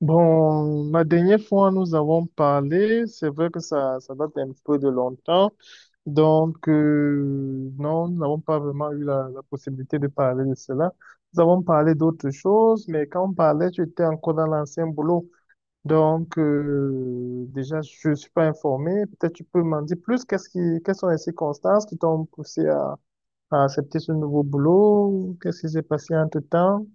Bon, la dernière fois, nous avons parlé, c'est vrai que ça date un peu de longtemps, donc non, nous n'avons pas vraiment eu la possibilité de parler de cela. Nous avons parlé d'autres choses, mais quand on parlait, tu étais encore dans l'ancien boulot, donc déjà, je ne suis pas informé, peut-être tu peux m'en dire plus, quelles sont les circonstances qui t'ont poussé à accepter ce nouveau boulot, qu'est-ce qui s'est passé entre-temps, tu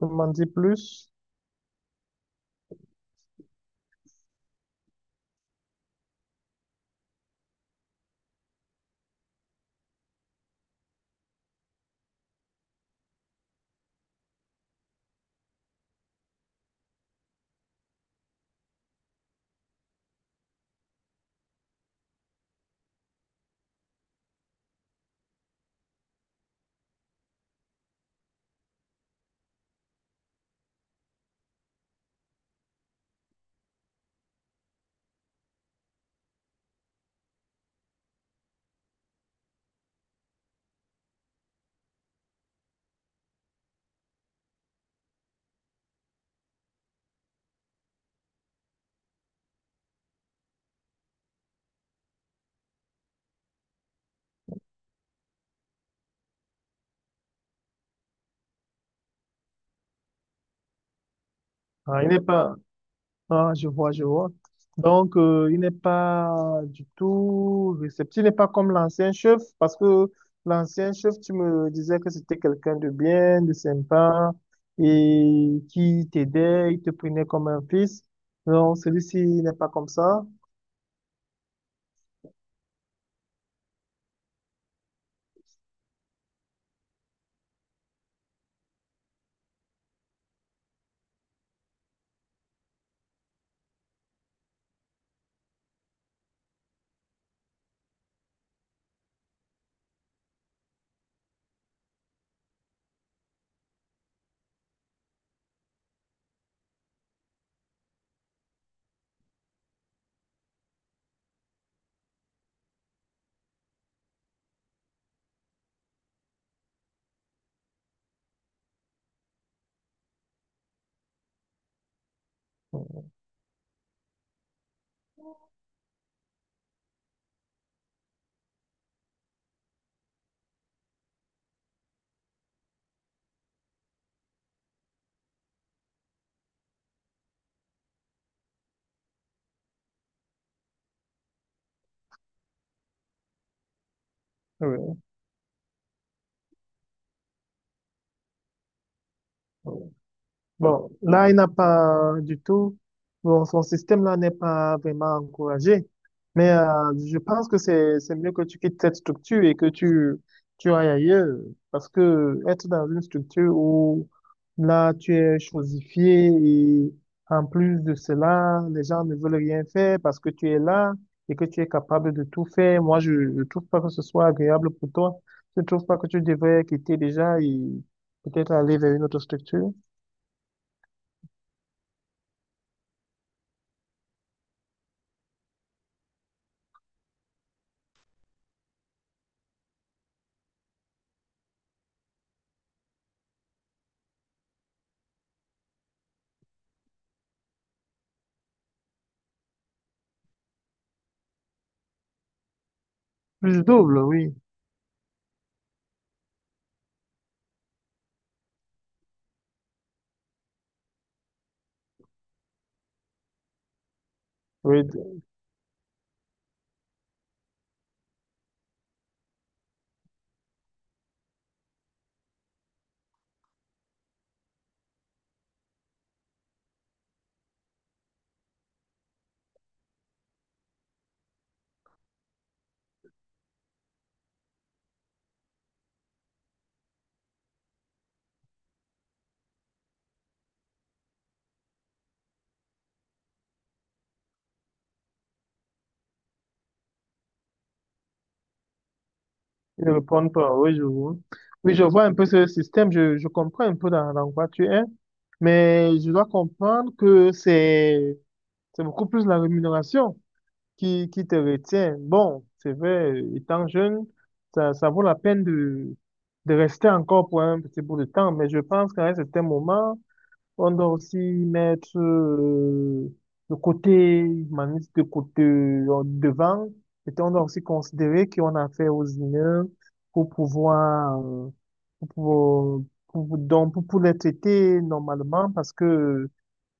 peux m'en dire plus? Ah, il n'est pas... Ah, je vois, je vois. Donc, il n'est pas du tout réceptif, il n'est pas comme l'ancien chef, parce que l'ancien chef, tu me disais que c'était quelqu'un de bien, de sympa, et qui t'aidait, il te prenait comme un fils. Non, celui-ci n'est pas comme ça. Oui. Bon, là, il n'a pas du tout, bon, son système-là n'est pas vraiment encouragé. Mais je pense que c'est mieux que tu quittes cette structure et que tu ailles ailleurs. Parce que être dans une structure où, là, tu es chosifié et en plus de cela, les gens ne veulent rien faire parce que tu es là et que tu es capable de tout faire. Moi, je ne trouve pas que ce soit agréable pour toi. Je ne trouve pas que tu devrais quitter déjà et peut-être aller vers une autre structure. Plus double, oui. Oui, d- ils ne répondent pas. Oui, je vois. Oui, je vois un peu ce système. Je comprends un peu dans quoi tu es. Mais je dois comprendre que c'est c'est beaucoup plus la rémunération qui te retient. Bon, c'est vrai, étant jeune, ça vaut la peine de rester encore pour un petit bout de temps. Mais je pense qu'à un certain moment, on doit aussi mettre le côté humaniste de côté devant. Et on doit aussi considérer qu'on a affaire aux humains pour pouvoir, pour, pouvoir- pour les traiter normalement parce que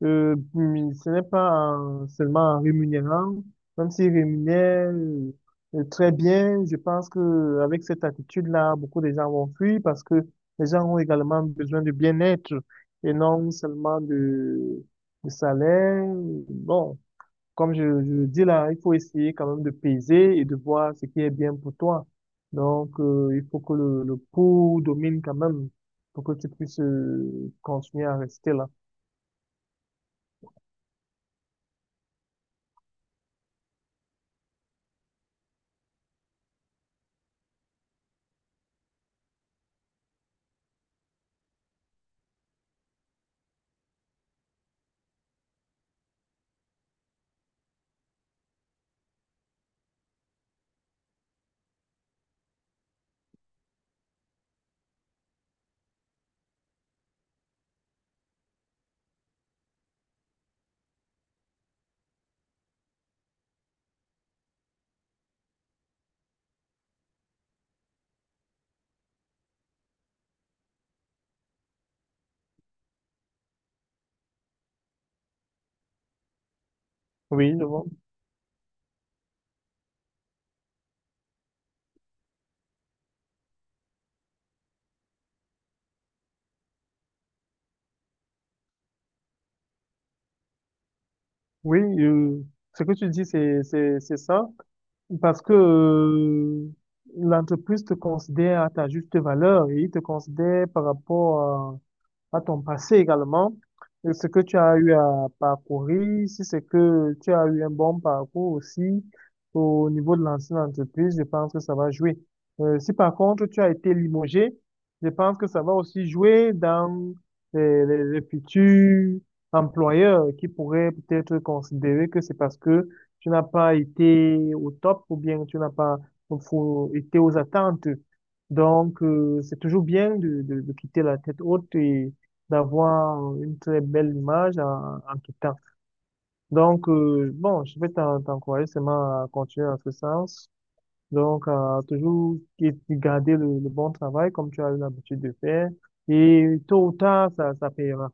ce n'est pas seulement en rémunérant, même s'ils rémunèrent très bien, je pense que avec cette attitude-là, beaucoup de gens vont fuir parce que les gens ont également besoin de bien-être et non seulement de salaire. Bon, comme je le dis là, il faut essayer quand même de peser et de voir ce qui est bien pour toi. Donc, il faut que le pour domine quand même pour que tu puisses continuer à rester là. Oui, je vois. Oui, ce que tu dis, c'est ça. Parce que l'entreprise te considère à ta juste valeur et il te considère par rapport à ton passé également, et ce que tu as eu à parcourir, si c'est que tu as eu un bon parcours aussi au niveau de l'ancienne entreprise, je pense que ça va jouer. Si par contre tu as été limogé, je pense que ça va aussi jouer dans les futurs employeurs qui pourraient peut-être considérer que c'est parce que tu n'as pas été au top ou bien tu n'as pas été aux attentes. Donc, c'est toujours bien de quitter la tête haute et d'avoir une très belle image en, en quittant. Donc, bon, je vais t'encourager seulement à continuer dans ce sens. Donc, à toujours garder le bon travail comme tu as eu l'habitude de faire. Et tôt ou tard, ça payera.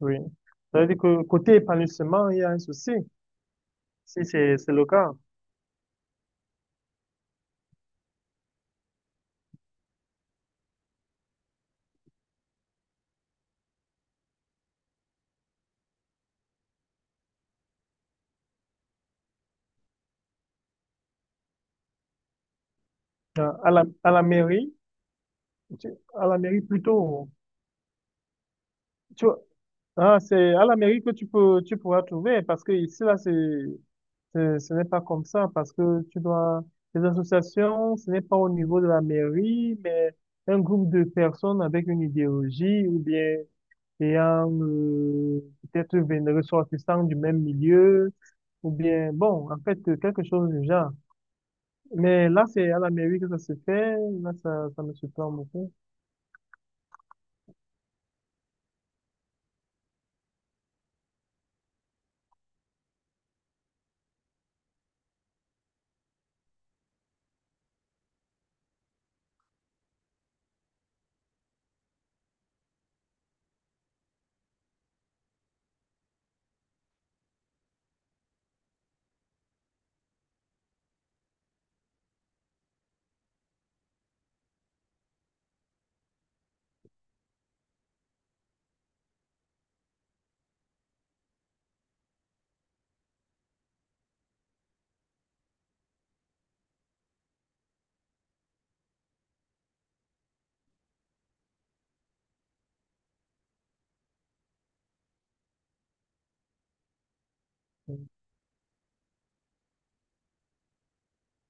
Oui. Ça veut dire que côté épanouissement, il y a un souci. Si, c'est le cas. À la, à la mairie, tu- à la mairie plutôt. Tu, ah, c'est à la mairie que tu peux, tu pourras trouver parce que ici, là, ce n'est pas comme ça parce que tu dois, les associations, ce n'est pas au niveau de la mairie, mais un groupe de personnes avec une idéologie ou bien et en peut-être ressortissant du même milieu, ou bien, bon, en fait, quelque chose du genre. Mais là, c'est à l'Amérique que ça se fait, là, ça me surprend beaucoup.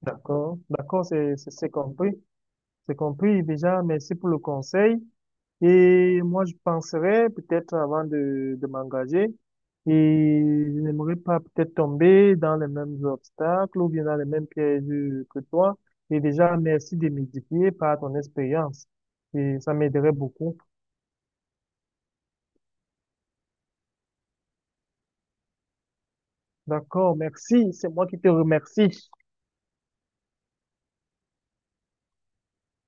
D'accord, d'accord, c'est compris déjà, merci pour le conseil. Et moi, je penserais peut-être avant de m'engager, et je n'aimerais pas peut-être tomber dans les mêmes obstacles ou bien dans les mêmes pièges que toi. Et déjà, merci de m'édifier par ton expérience. Et ça m'aiderait beaucoup. D'accord, merci. C'est moi qui te remercie.